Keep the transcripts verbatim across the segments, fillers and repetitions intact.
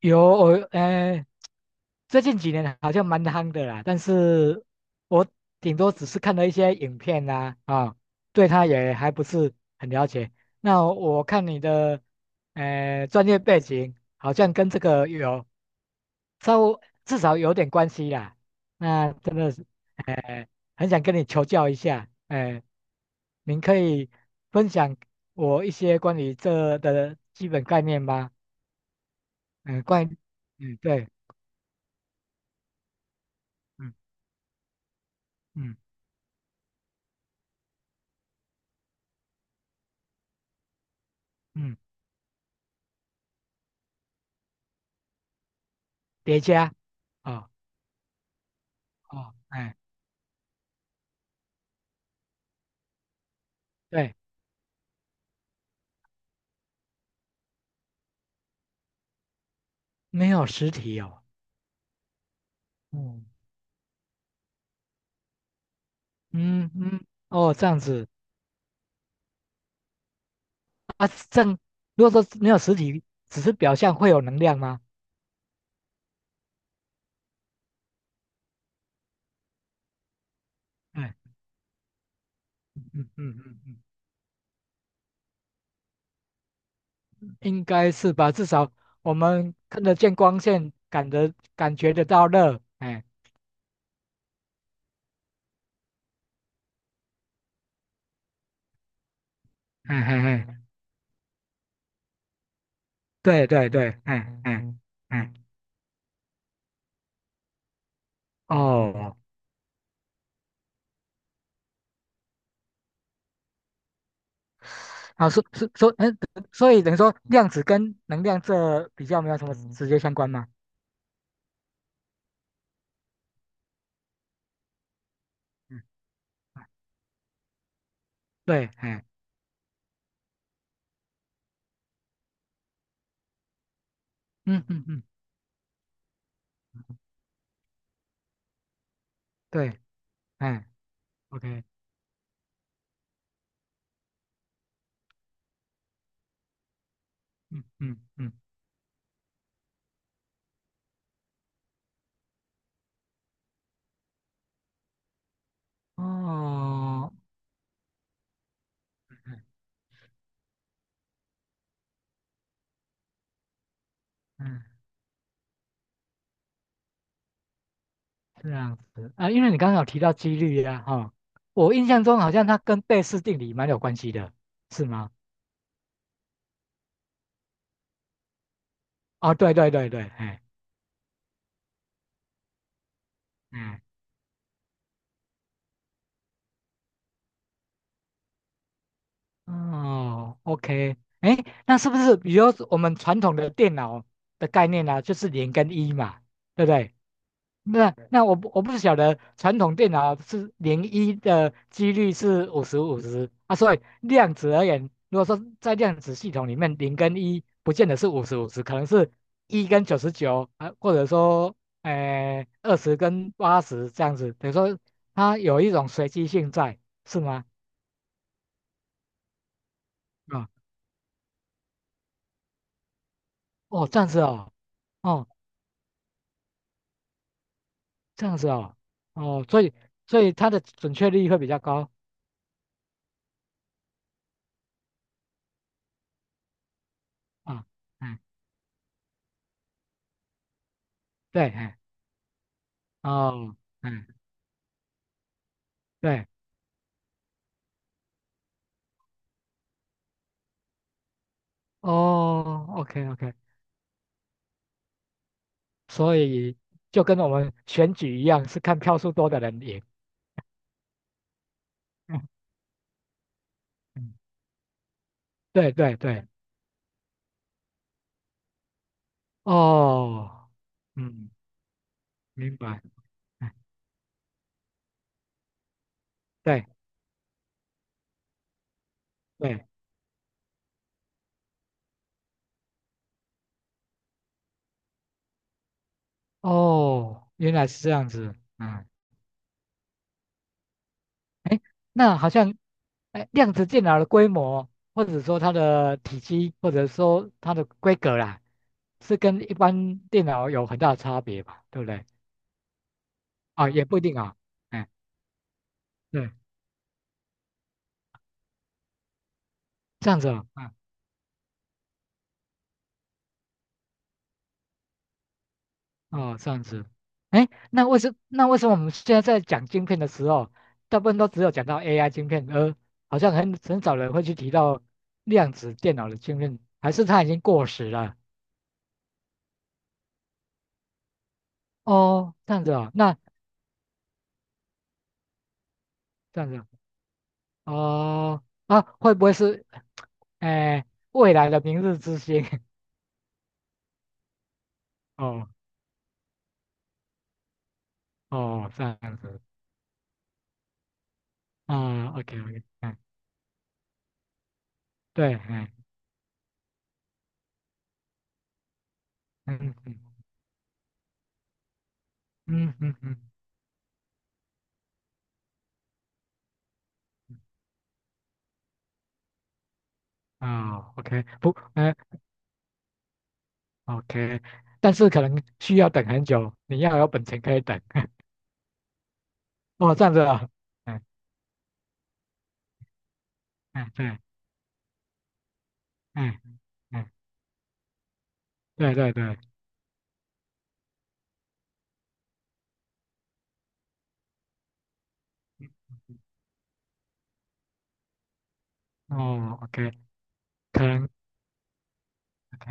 有我呃，最近几年好像蛮夯的啦，但是我顶多只是看了一些影片啦，啊，对他也还不是很了解。那我看你的呃专业背景好像跟这个有稍微至少有点关系啦，那真的是呃很想跟你求教一下，呃，您可以分享我一些关于这的基本概念吗？嗯，怪，嗯，对，嗯嗯嗯，叠加，哦哦，哎，对，没有实体哦，嗯嗯嗯，哦，这样子啊，正如果说没有实体，只是表象会有能量吗？哎，嗯嗯嗯嗯，嗯应该是吧，至少我们看得见光线，感得感觉得到热，哎，哎哎哎，对对对，哎哎哎，哦。好，所所所，嗯，所以等于说量子跟能量这比较没有什么直接相关吗？嗯，对，哎，嗯嗯嗯，对，哎，OK，嗯嗯嗯，哦，嗯，嗯这样子啊，因为你刚刚有提到几率呀、哈、我印象中好像它跟贝氏定理蛮有关系的，是吗？哦，对对对对，哎，哎，哦，OK，哎，那是不是比如说我们传统的电脑的概念呢、啊就是零跟一嘛，对不对？那那我不我不是晓得传统电脑是零一的几率是五十五十啊，所以量子而言，如果说在量子系统里面，零跟一不见得是五十五十，可能是一跟九十九啊，或者说呃二十跟八十这样子，等于说它有一种随机性在，是吗？啊、哦，这样子哦，哦，这样子哦，哦，所以所以它的准确率会比较高啊，嗯，对，嗯哦，嗯，对。哦，OK OK，所以就跟我们选举一样，是看票数多的人赢。嗯嗯对对对，哦，嗯，明白。哎对对，哦，原来是这样子。嗯，哎，那好像，哎，量子电脑的规模，或者说它的体积，或者说它的规格啦，是跟一般电脑有很大的差别吧？对不对？啊、也不一定啊、哎，对，这样子啊、哦。哦，这样子。哎，那为什那为什么我们现在在讲晶片的时候，大部分都只有讲到 A I 晶片，而好像很很少人会去提到量子电脑的晶片，还是它已经过时了？哦，这样子哦，那这样子哦，啊，会不会是，哎，未来的明日之星？哦哦，这样子啊，OK OK，嗯，对，嗯嗯嗯嗯嗯嗯，哦，OK，不，哎、OK，但是可能需要等很久，你要有本钱可以等。哦，这样子啊，嗯嗯对，嗯嗯对对对，哦，OK，可能 OK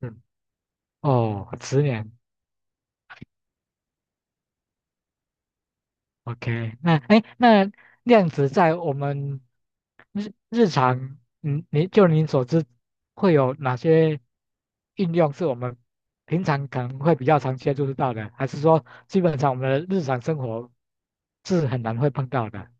是哦，十年 OK，那哎那量子在我们日日常，嗯，你就你所知，会有哪些应用是我们平常可能会比较常接触到的，还是说基本上我们的日常生活是很难会碰到的？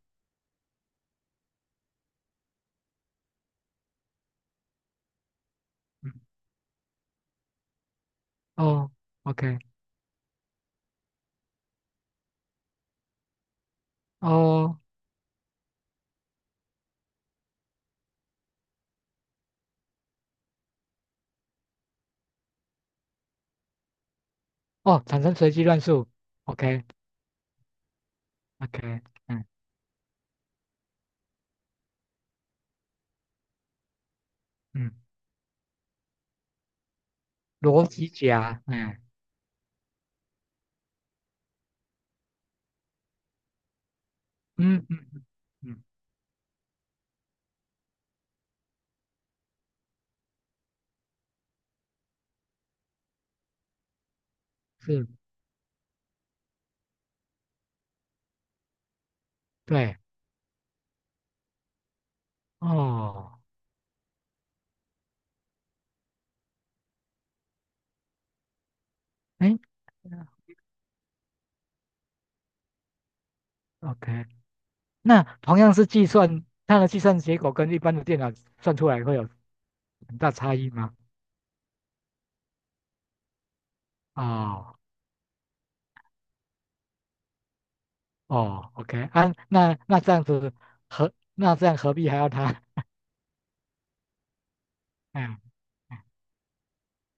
哦，OK，哦哦，产生随机乱数，OK OK，嗯嗯，逻辑甲，嗯嗯嗯嗯，嗯是，对，哦，哎，OK，那同样是计算，它的计算结果跟一般的电脑算出来会有很大差异吗？哦哦，OK，啊，那那这样子何那这样何必还要它？嗯，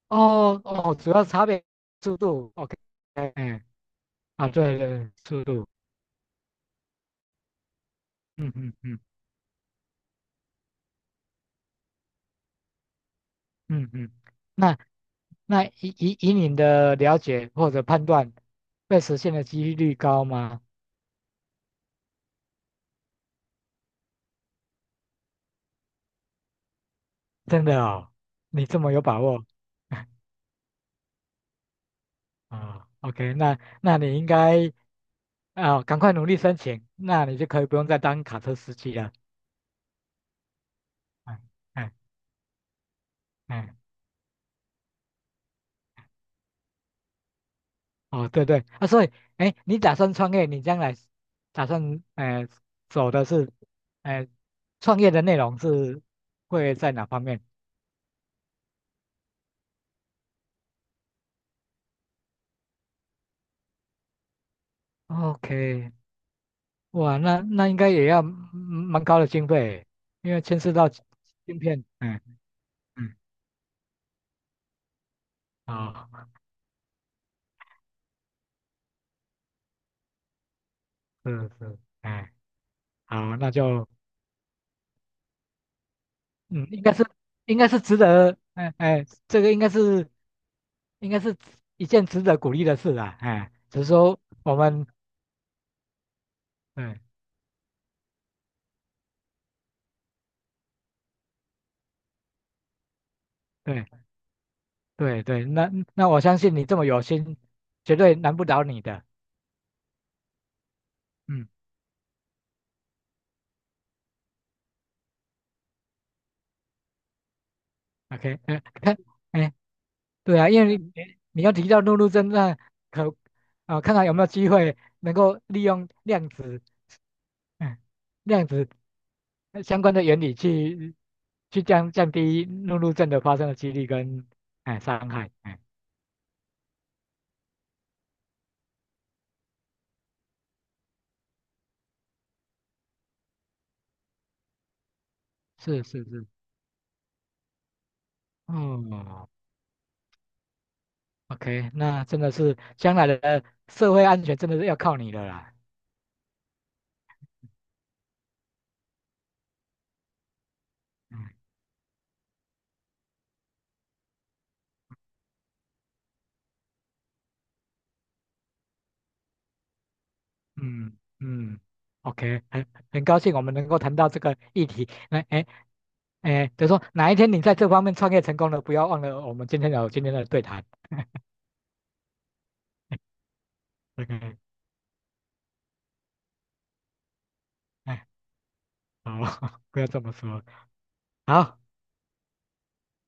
哦哦，主要差别速度，OK，哎哎啊，对对，对速度。嗯嗯嗯嗯嗯，那那以以以你的了解或者判断，被实现的几率高吗？真的哦，你这么有把握？啊、o k 那那你应该啊、赶快努力申请，那你就可以不用再当卡车司机了。嗯嗯嗯，哦，对对啊，所以哎，你打算创业，你将来打算呃走的是呃创业的内容是会在哪方面？OK，哇，那那应该也要嗯蛮高的经费，因为牵涉到芯片，嗯嗯，好，是是，哎，好，那就嗯，应该是应该是值得，哎哎，这个应该是应该是一件值得鼓励的事啦，哎，只是说我们，嗯，对对对，那那我相信你这么有心，绝对难不倒你的，嗯，OK，哎，看，哎对啊，因为你你要提到陆路侦那可啊、看看有没有机会能够利用量子，嗯，量子呃相关的原理去去降降低陆路怒症的发生的几率跟哎伤害，哎，是是是，哦 o k 那真的是将来的社会安全真的是要靠你了啦，嗯。嗯嗯，OK，很很高兴我们能够谈到这个议题。那哎哎，就说哪一天你在这方面创业成功了，不要忘了我们今天有今天的对谈。OK，哎，好，不要这么说。好。